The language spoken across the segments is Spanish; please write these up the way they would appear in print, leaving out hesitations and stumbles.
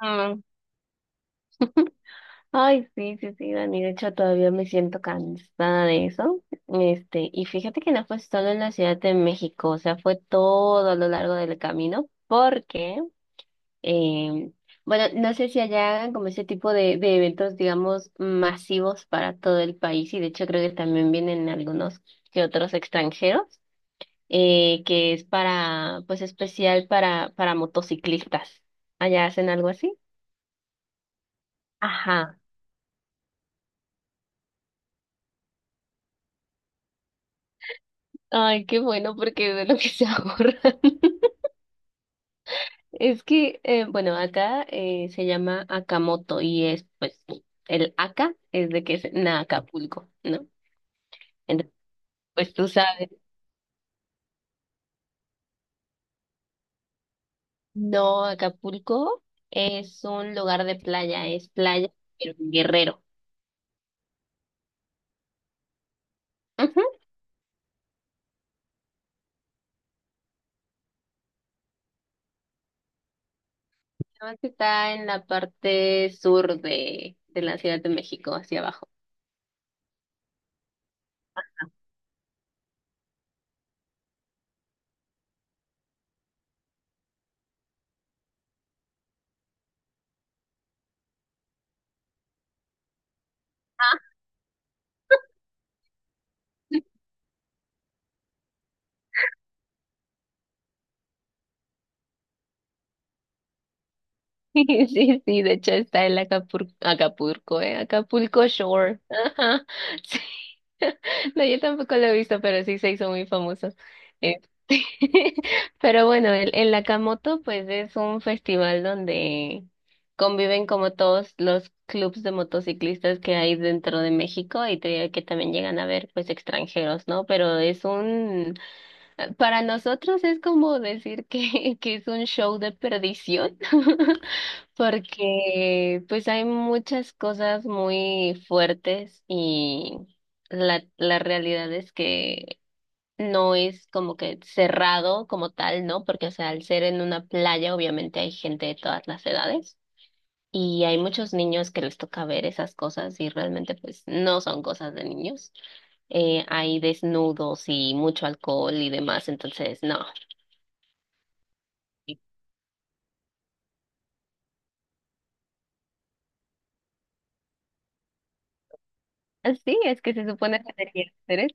Ajá. Ay, sí, sí, sí, Dani. De hecho, todavía me siento cansada de eso. Este, y fíjate que no fue solo en la Ciudad de México, o sea, fue todo a lo largo del camino, porque, eh, bueno, no sé si allá hagan como ese tipo de eventos, digamos, masivos para todo el país, y de hecho creo que también vienen algunos que otros extranjeros, que es para, pues especial para motociclistas. ¿Allá hacen algo así? Ajá. Ay, qué bueno, porque de lo que se ahorran. Es que, bueno, acá se llama Akamoto y es, pues, el Aka es de que es na Acapulco, ¿no? Entonces, pues tú sabes, no, Acapulco es un lugar de playa, es playa, pero en Guerrero. Ujú. Nada más que está en la parte sur de la Ciudad de México, hacia abajo. Sí, sí, de hecho está el Acapulco, ¿eh? Acapulco Shore. Ajá, sí. No, yo tampoco lo he visto, pero sí se hizo muy famoso. Este, pero bueno, el Nakamoto pues es un festival donde conviven como todos los clubs de motociclistas que hay dentro de México y que también llegan a ver pues extranjeros, ¿no? Pero es un, para nosotros es como decir que, que es un show de perdición. Porque pues hay muchas cosas muy fuertes y la realidad es que no es como que cerrado como tal, ¿no? Porque, o sea, al ser en una playa, obviamente hay gente de todas las edades y hay muchos niños que les toca ver esas cosas y realmente pues no son cosas de niños. Hay desnudos y mucho alcohol y demás, entonces no. Sí, es que se supone que debería hacer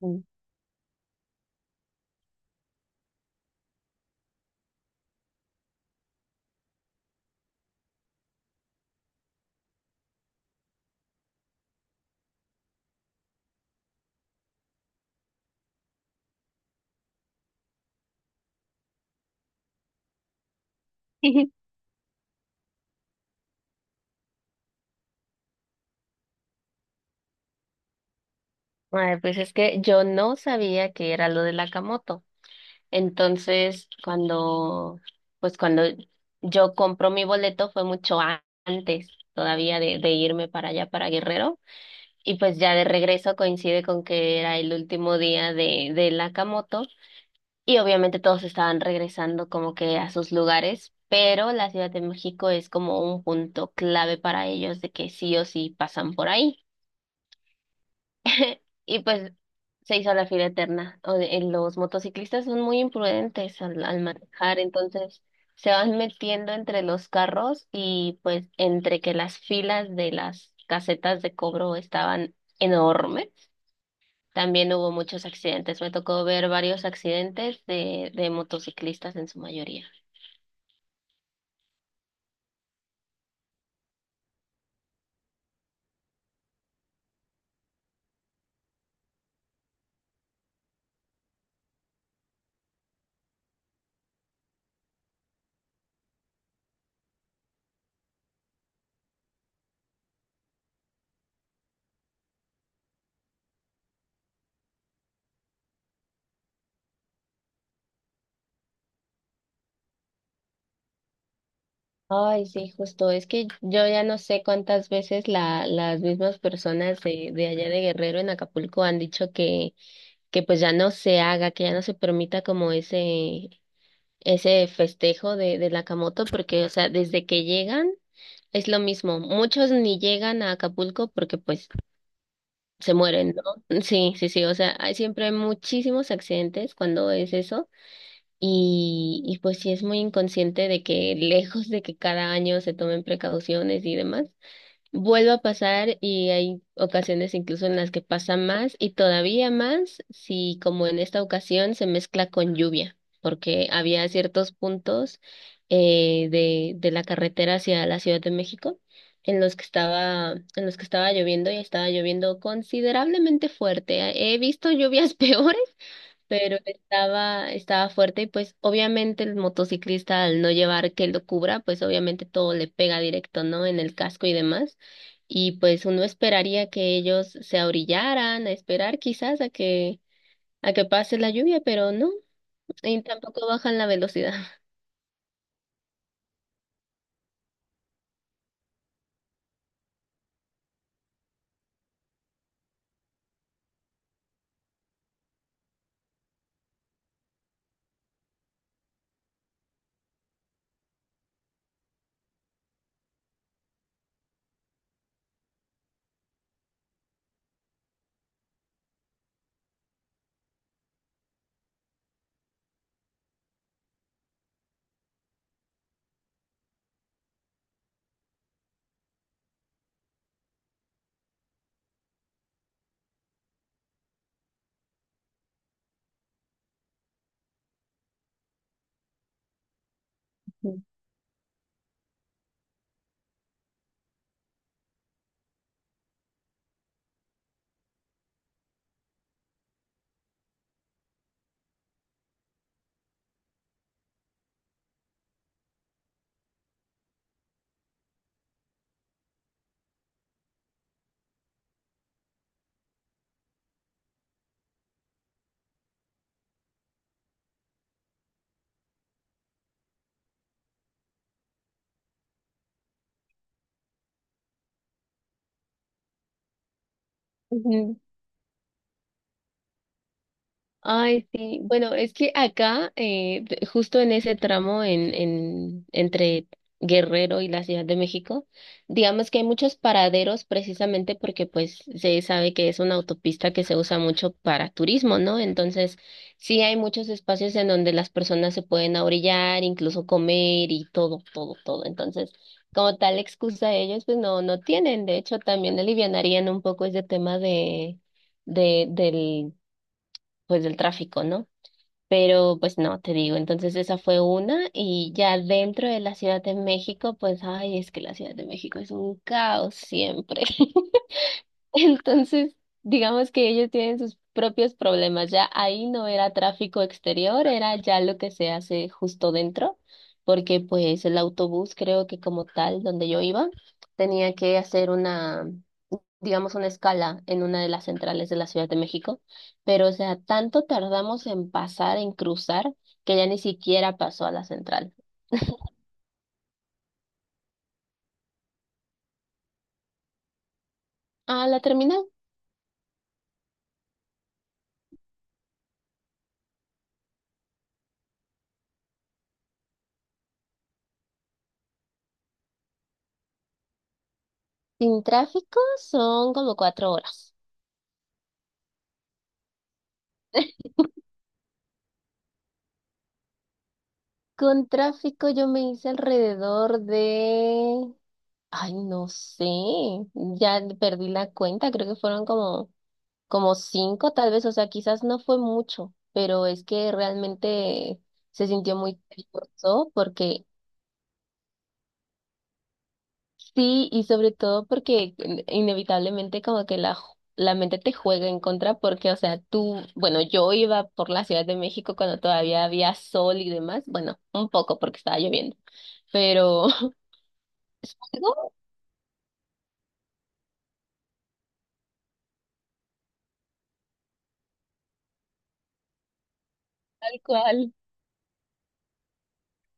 eso. Ay, pues es que yo no sabía que era lo de la camoto. Entonces, cuando, pues cuando yo compro mi boleto fue mucho antes todavía de irme para allá, para Guerrero. Y pues ya de regreso coincide con que era el último día de la camoto. Y obviamente todos estaban regresando como que a sus lugares, pero la Ciudad de México es como un punto clave para ellos de que sí o sí pasan por ahí. Y pues se hizo la fila eterna. Los motociclistas son muy imprudentes al manejar, entonces se van metiendo entre los carros y pues entre que las filas de las casetas de cobro estaban enormes, también hubo muchos accidentes. Me tocó ver varios accidentes de motociclistas en su mayoría. Ay, sí, justo. Es que yo ya no sé cuántas veces la, las mismas personas de allá de Guerrero en Acapulco han dicho que pues ya no se haga, que ya no se permita como ese festejo de la Camoto, porque, o sea, desde que llegan es lo mismo. Muchos ni llegan a Acapulco porque pues se mueren, ¿no? Sí, sí, sí, o sea, hay siempre muchísimos accidentes cuando es eso. Y pues sí es muy inconsciente de que lejos de que cada año se tomen precauciones y demás, vuelve a pasar y hay ocasiones incluso en las que pasa más y todavía más si como en esta ocasión se mezcla con lluvia, porque había ciertos puntos de la carretera hacia la Ciudad de México en los que estaba, en los que estaba lloviendo y estaba lloviendo considerablemente fuerte. He visto lluvias peores, pero estaba fuerte y pues obviamente el motociclista al no llevar que lo cubra, pues obviamente todo le pega directo, ¿no? En el casco y demás. Y pues uno esperaría que ellos se abrillaran, a esperar quizás a que pase la lluvia, pero no, y tampoco bajan la velocidad. Ay, sí. Bueno, es que acá, justo en ese tramo entre Guerrero y la Ciudad de México, digamos que hay muchos paraderos precisamente porque pues se sabe que es una autopista que se usa mucho para turismo, ¿no? Entonces, sí hay muchos espacios en donde las personas se pueden ahorillar, incluso comer y todo, todo, todo. Entonces, como tal excusa ellos, pues no, no tienen. De hecho, también alivianarían un poco ese tema de... del pues del tráfico, ¿no? Pero pues no, te digo, entonces esa fue una y ya dentro de la Ciudad de México, pues ay, es que la Ciudad de México es un caos siempre. Entonces, digamos que ellos tienen sus propios problemas, ya ahí no era tráfico exterior, era ya lo que se hace justo dentro, porque pues el autobús creo que como tal, donde yo iba, tenía que hacer una, digamos, una escala en una de las centrales de la Ciudad de México, pero o sea, tanto tardamos en pasar, en cruzar, que ya ni siquiera pasó a la central. A la terminal, sin tráfico, son como 4 horas. Con tráfico yo me hice alrededor de... Ay, no sé, ya perdí la cuenta, creo que fueron como, como cinco tal vez, o sea, quizás no fue mucho, pero es que realmente se sintió muy peligroso porque sí, y sobre todo porque inevitablemente como que la, la mente te juega en contra porque, o sea, tú, bueno, yo iba por la Ciudad de México cuando todavía había sol y demás, bueno, un poco porque estaba lloviendo, pero algo tal cual.